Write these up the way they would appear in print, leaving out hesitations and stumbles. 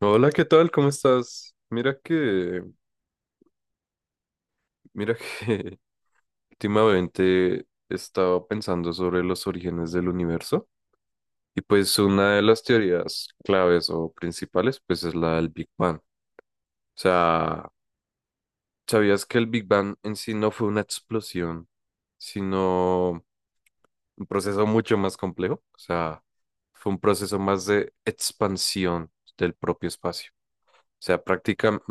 Hola, ¿qué tal? ¿Cómo estás? Mira que últimamente estaba pensando sobre los orígenes del universo y pues una de las teorías claves o principales pues es la del Big Bang. O sea, ¿sabías que el Big Bang en sí no fue una explosión, sino un proceso mucho más complejo? O sea, fue un proceso más de expansión del propio espacio. O sea, prácticamente,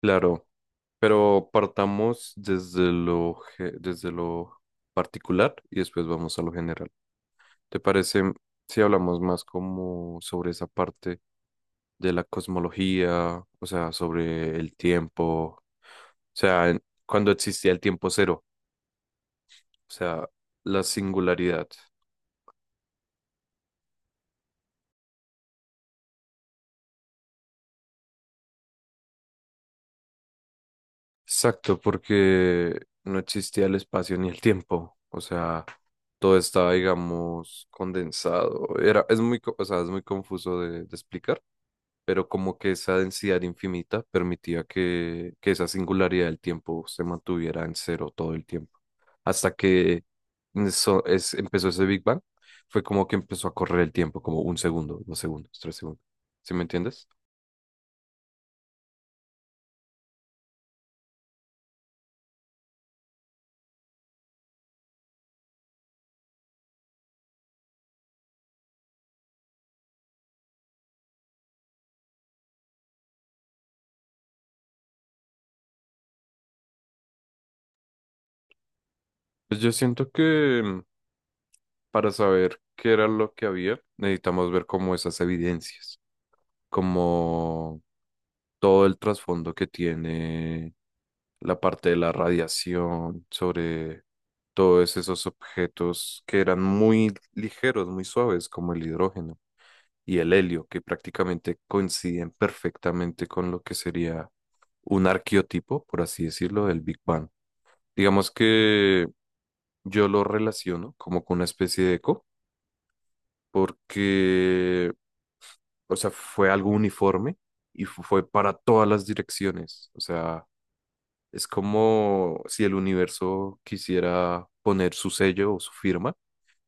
claro. Pero partamos desde lo particular y después vamos a lo general. ¿Te parece si hablamos más como sobre esa parte de la cosmología, o sea, sobre el tiempo, o sea, cuando existía el tiempo cero, o sea, la singularidad? Exacto, porque no existía el espacio ni el tiempo, o sea, todo estaba, digamos, condensado. Era, es muy, co- O sea, es muy confuso de explicar, pero como que esa densidad infinita permitía que esa singularidad del tiempo se mantuviera en cero todo el tiempo. Hasta que eso es, Empezó ese Big Bang, fue como que empezó a correr el tiempo, como un segundo, dos segundos, tres segundos. ¿Sí me entiendes? Pues yo siento que para saber qué era lo que había, necesitamos ver como esas evidencias, como todo el trasfondo que tiene la parte de la radiación, sobre todos esos objetos que eran muy ligeros, muy suaves, como el hidrógeno y el helio, que prácticamente coinciden perfectamente con lo que sería un arqueotipo, por así decirlo, del Big Bang. Digamos que yo lo relaciono como con una especie de eco, porque, o sea, fue algo uniforme y fue para todas las direcciones, o sea. Es como si el universo quisiera poner su sello o su firma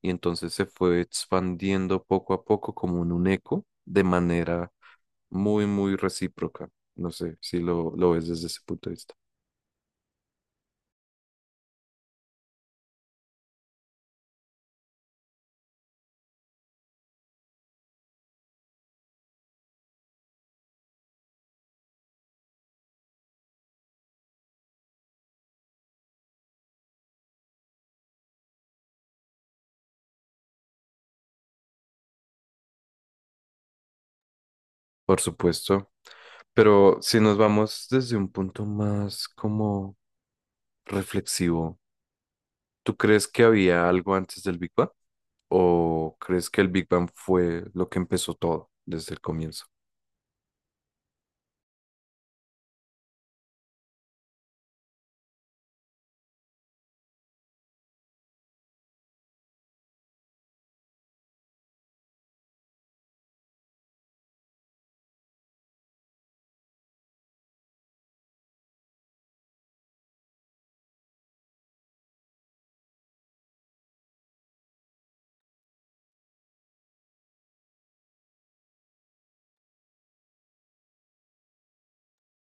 y entonces se fue expandiendo poco a poco como en un eco de manera muy, muy recíproca. No sé si lo ves desde ese punto de vista. Por supuesto. Pero si nos vamos desde un punto más como reflexivo, ¿tú crees que había algo antes del Big Bang? ¿O crees que el Big Bang fue lo que empezó todo desde el comienzo?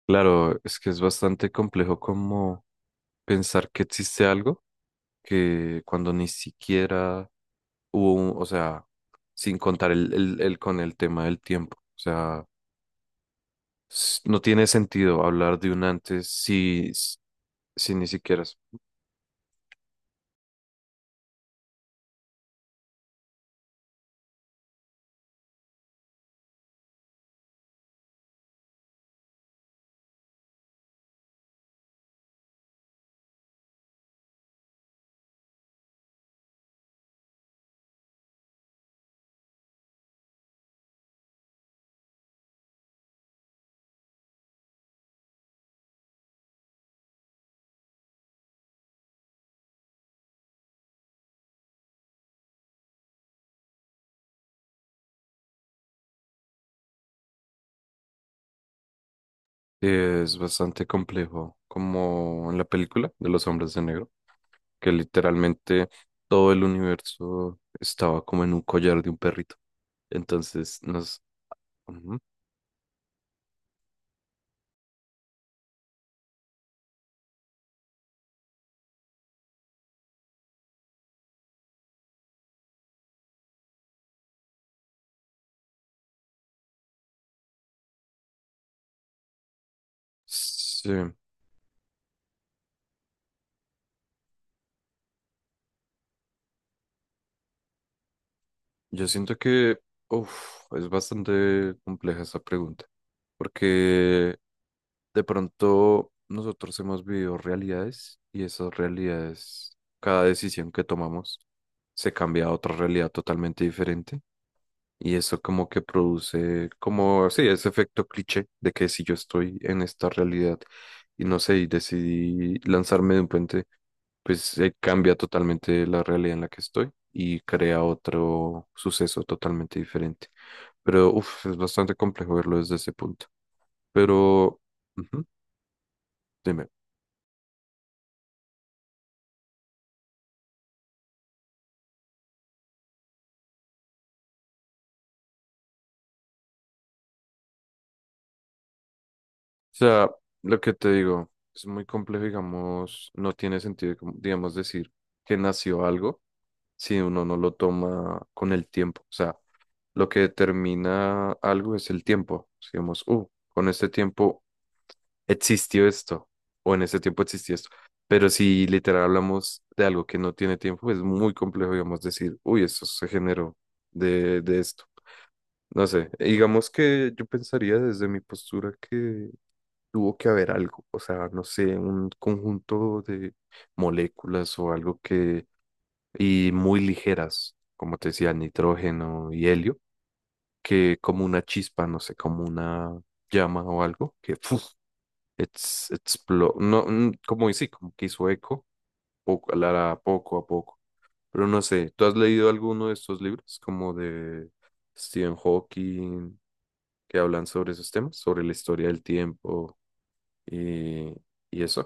Claro, es que es bastante complejo como pensar que existe algo que cuando ni siquiera o sea, sin contar con el tema del tiempo. O sea, no tiene sentido hablar de un antes si ni siquiera es bastante complejo, como en la película de los hombres de negro, que literalmente todo el universo estaba como en un collar de un perrito. Entonces, nos... ujú. Sí. Yo siento que, uf, es bastante compleja esa pregunta, porque de pronto nosotros hemos vivido realidades y esas realidades, cada decisión que tomamos se cambia a otra realidad totalmente diferente y eso como que produce como, sí, ese efecto cliché de que si yo estoy en esta realidad y no sé, y decidí lanzarme de un puente, pues cambia totalmente la realidad en la que estoy y crea otro suceso totalmente diferente. Pero uf, es bastante complejo verlo desde ese punto. Pero, ujú, dime. O sea, lo que te digo, es muy complejo, digamos, no tiene sentido, como, digamos, decir que nació algo si uno no lo toma con el tiempo. O sea, lo que determina algo es el tiempo. Digamos, con este tiempo existió esto, o en ese tiempo existió esto. Pero si literal hablamos de algo que no tiene tiempo, es muy complejo, digamos, decir, uy, esto se generó de esto. No sé, digamos que yo pensaría desde mi postura que tuvo que haber algo, o sea, no sé, un conjunto de moléculas o algo que, y muy ligeras, como te decía, nitrógeno y helio, que como una chispa, no sé, como una llama o algo, que ¡fuf! It's, explo- no, mm, como y sí, como que hizo eco, poco, poco a poco. Pero no sé, ¿tú has leído alguno de estos libros, como de Stephen Hawking, que hablan sobre esos temas, sobre la historia del tiempo y, y eso?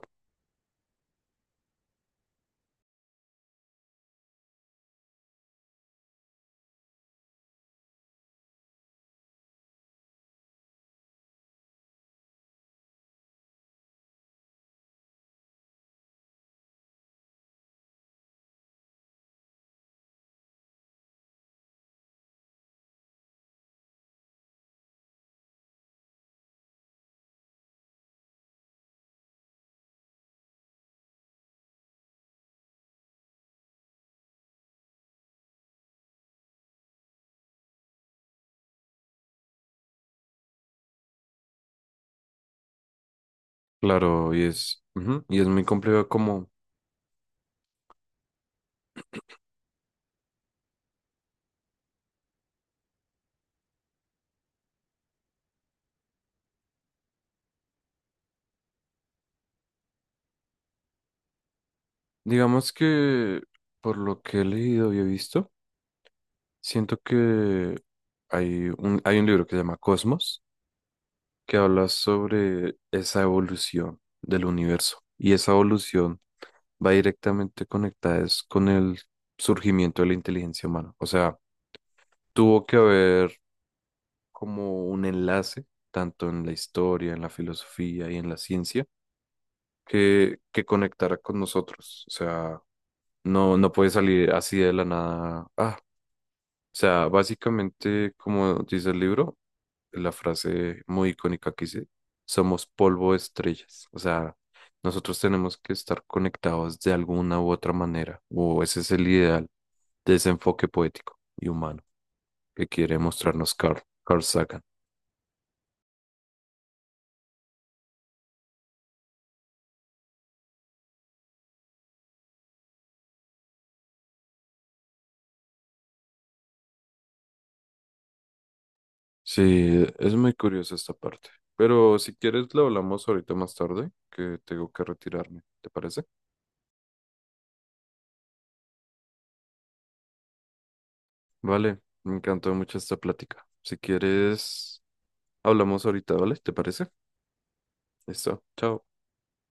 Claro, y es, ujú, y es muy complejo como, digamos que por lo que he leído y he visto, siento que hay un libro que se llama Cosmos que habla sobre esa evolución del universo. Y esa evolución va directamente conectada es con el surgimiento de la inteligencia humana. O sea, tuvo que haber como un enlace, tanto en la historia, en la filosofía y en la ciencia, que conectara con nosotros. O sea, no puede salir así de la nada. Ah, o sea, básicamente, como dice el libro, la frase muy icónica que dice, somos polvo de estrellas. O sea, nosotros tenemos que estar conectados de alguna u otra manera, o ese es el ideal de ese enfoque poético y humano que quiere mostrarnos Carl Sagan. Sí, es muy curiosa esta parte. Pero si quieres, lo hablamos ahorita más tarde, que tengo que retirarme, ¿te parece? Vale, me encantó mucho esta plática. Si quieres, hablamos ahorita, ¿vale? ¿Te parece? Listo, chao.